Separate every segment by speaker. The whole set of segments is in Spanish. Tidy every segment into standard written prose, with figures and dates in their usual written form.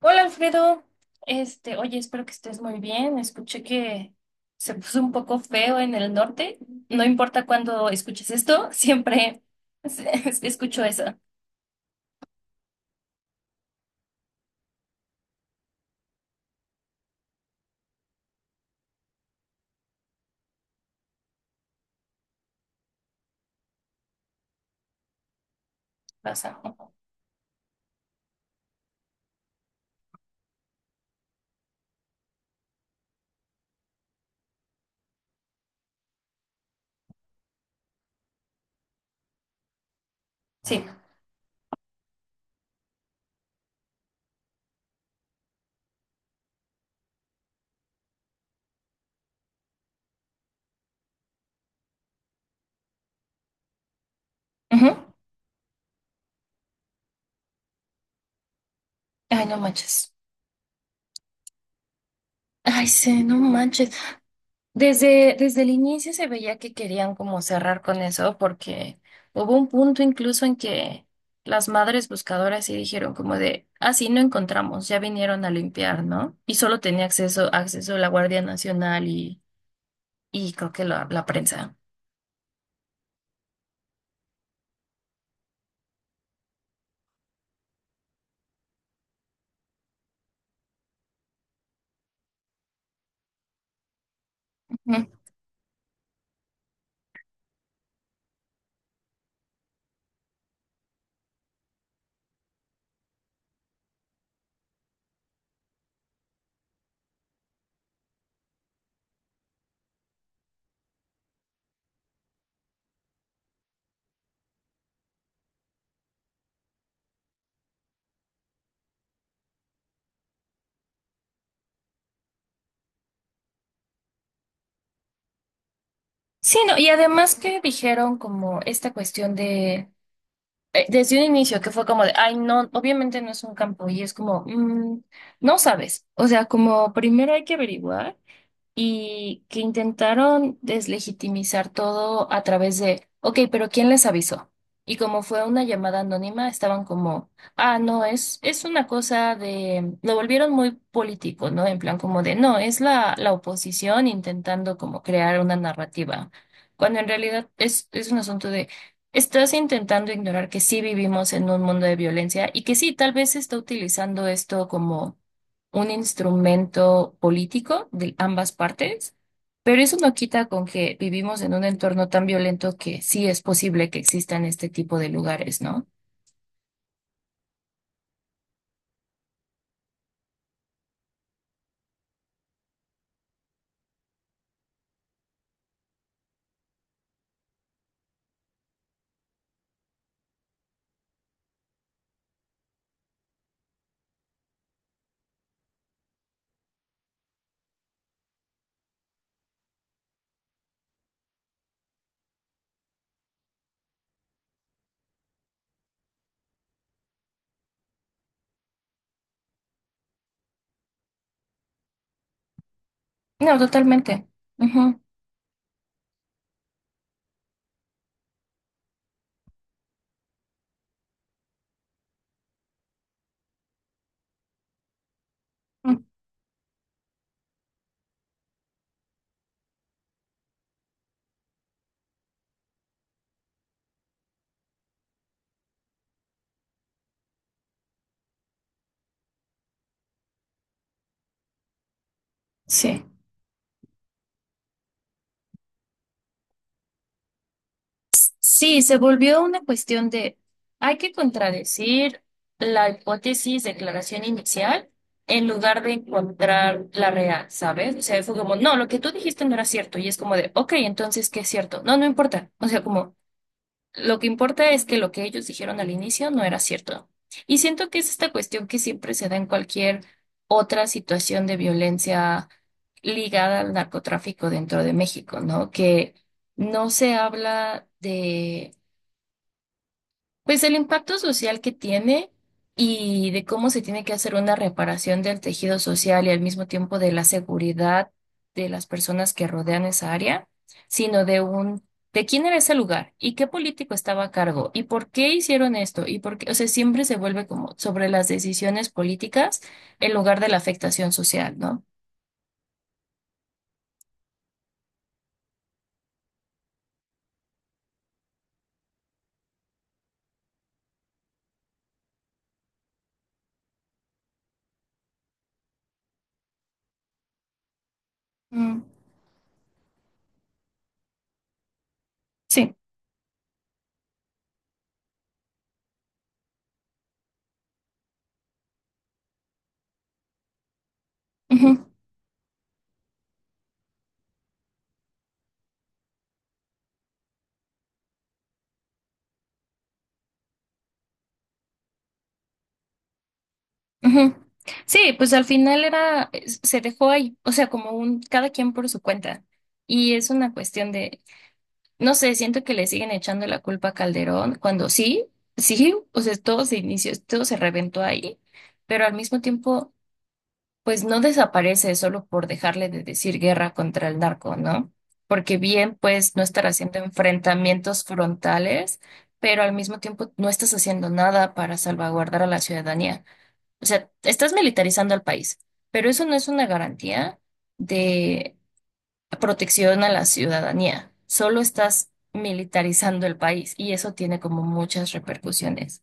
Speaker 1: Hola, Alfredo, oye, espero que estés muy bien. Escuché que se puso un poco feo en el norte. No importa cuándo escuches esto, siempre escucho eso. Pasa. Sí. Ujú. Ay, no manches. Ay, sí, no manches. Desde el inicio se veía que querían como cerrar con eso, porque hubo un punto incluso en que las madres buscadoras sí dijeron como de, ah, sí, no encontramos, ya vinieron a limpiar, ¿no? Y solo tenía acceso la Guardia Nacional y creo que la prensa. Ujú. Sí, no, y además que dijeron como esta cuestión de, desde un inicio, que fue como de, ay, no, obviamente no es un campo, y es como, "Mm, no sabes, o sea, como primero hay que averiguar". Y que intentaron deslegitimizar todo a través de, ok, pero ¿quién les avisó? Y como fue una llamada anónima, estaban como, ah, no, es una cosa de, lo volvieron muy político, ¿no? En plan como de, no, es la oposición intentando como crear una narrativa, cuando en realidad es un asunto de, estás intentando ignorar que sí vivimos en un mundo de violencia, y que sí, tal vez se está utilizando esto como un instrumento político de ambas partes, pero eso no quita con que vivimos en un entorno tan violento que sí es posible que existan este tipo de lugares, ¿no? No, totalmente. Ujú. Mm. Sí. Sí, se volvió una cuestión de, hay que contradecir la hipótesis de declaración inicial en lugar de encontrar la real, ¿sabes? O sea, fue como, no, lo que tú dijiste no era cierto. Y es como de, ok, entonces, ¿qué es cierto? No, no importa. O sea, como, lo que importa es que lo que ellos dijeron al inicio no era cierto. Y siento que es esta cuestión que siempre se da en cualquier otra situación de violencia ligada al narcotráfico dentro de México, ¿no? Que no se habla de pues el impacto social que tiene, y de cómo se tiene que hacer una reparación del tejido social y al mismo tiempo de la seguridad de las personas que rodean esa área, sino de un de quién era ese lugar y qué político estaba a cargo y por qué hicieron esto y por qué, o sea, siempre se vuelve como sobre las decisiones políticas en lugar de la afectación social, ¿no? Mm, sí. Ujú. Ujú. Sí, pues al final era, se dejó ahí, o sea, como un, cada quien por su cuenta. Y es una cuestión de, no sé, siento que le siguen echando la culpa a Calderón cuando sí, sí, o sea, todo se inició, todo se reventó ahí, pero al mismo tiempo, pues no desaparece solo por dejarle de decir guerra contra el narco, ¿no? Porque bien, pues no estar haciendo enfrentamientos frontales, pero al mismo tiempo no estás haciendo nada para salvaguardar a la ciudadanía. O sea, estás militarizando al país, pero eso no es una garantía de protección a la ciudadanía. Solo estás militarizando el país, y eso tiene como muchas repercusiones.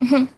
Speaker 1: Ujú.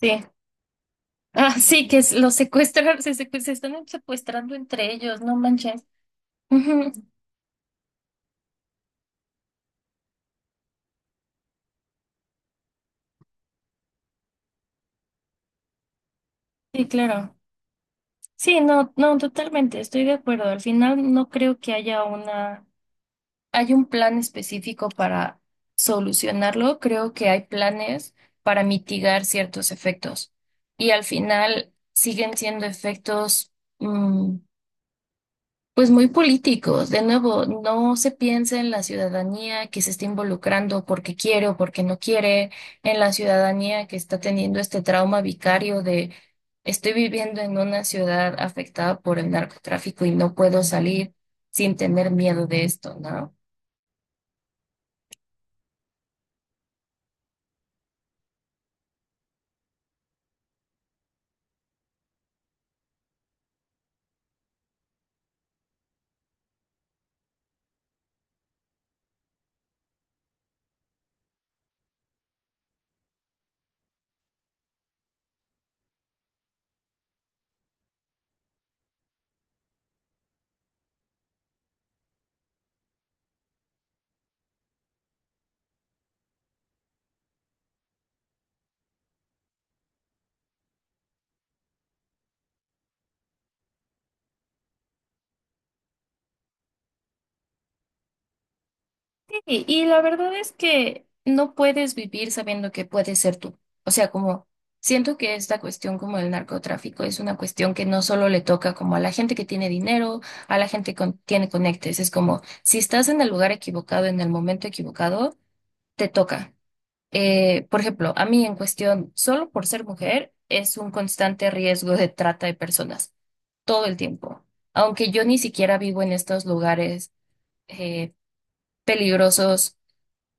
Speaker 1: Sí. Ah, sí, que los secuestran, se están secuestrando entre ellos, no manches. Ujú. Sí, claro. Sí, no, no, totalmente, estoy de acuerdo. Al final no creo que hay un plan específico para solucionarlo. Creo que hay planes para mitigar ciertos efectos, y al final siguen siendo efectos mm, pues muy políticos. De nuevo, no se piensa en la ciudadanía que se está involucrando porque quiere o porque no quiere, en la ciudadanía que está teniendo este trauma vicario de estoy viviendo en una ciudad afectada por el narcotráfico y no puedo salir sin tener miedo de esto, ¿no? Y la verdad es que no puedes vivir sabiendo que puedes ser tú. O sea, como siento que esta cuestión como el narcotráfico es una cuestión que no solo le toca como a la gente que tiene dinero, a la gente que tiene conectes. Es como si estás en el lugar equivocado, en el momento equivocado, te toca. Por ejemplo, a mí en cuestión, solo por ser mujer, es un constante riesgo de trata de personas, todo el tiempo. Aunque yo ni siquiera vivo en estos lugares, eh, peligrosos.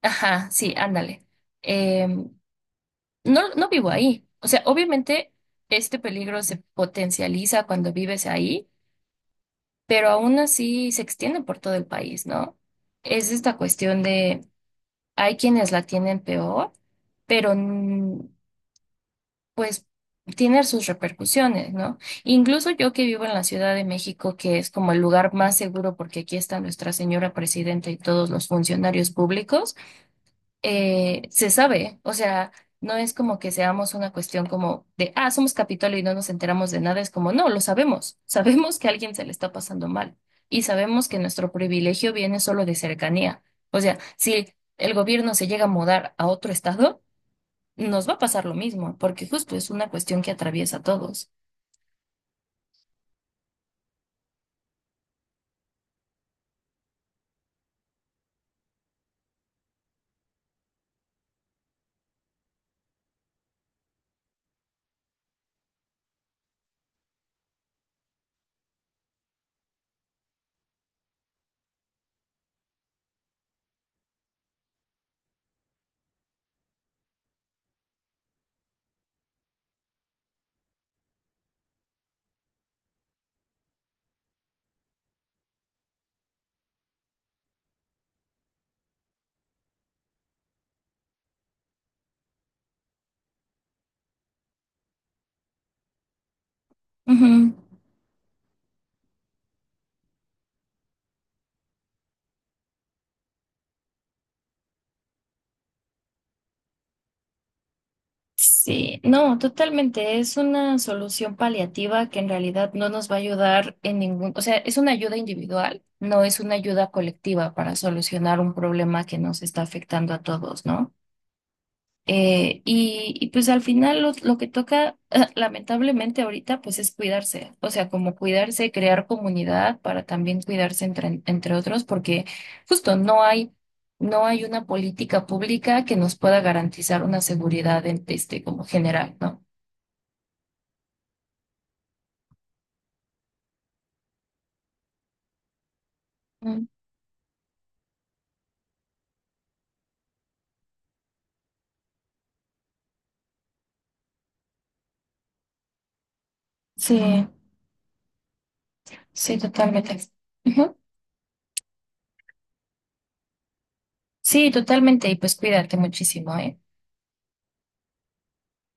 Speaker 1: Ajá, sí, ándale. Em, no, no vivo ahí. O sea, obviamente este peligro se potencializa cuando vives ahí, pero aún así se extiende por todo el país, ¿no? Es esta cuestión de hay quienes la tienen peor, pero pues tiene sus repercusiones, ¿no? Incluso yo que vivo en la Ciudad de México, que es como el lugar más seguro porque aquí está nuestra señora presidenta y todos los funcionarios públicos. Eh, se sabe, o sea, no es como que seamos una cuestión como de, ah, somos Capitolio y no nos enteramos de nada. Es como, no, lo sabemos, sabemos que a alguien se le está pasando mal, y sabemos que nuestro privilegio viene solo de cercanía. O sea, si el gobierno se llega a mudar a otro estado, nos va a pasar lo mismo, porque justo es una cuestión que atraviesa a todos. Ujú. Sí, no, totalmente. Es una solución paliativa que en realidad no nos va a ayudar en ningún, o sea, es una ayuda individual, no es una ayuda colectiva para solucionar un problema que nos está afectando a todos, ¿no? Y, pues al final lo que toca, lamentablemente ahorita, pues es cuidarse, o sea, como cuidarse, crear comunidad para también cuidarse entre, entre otros, porque justo no hay, no hay una política pública que nos pueda garantizar una seguridad en- este, como general, ¿no? Mm. Sí, sí, totalmente. Ujú. Sí, totalmente, y pues cuídate muchísimo, ¿eh?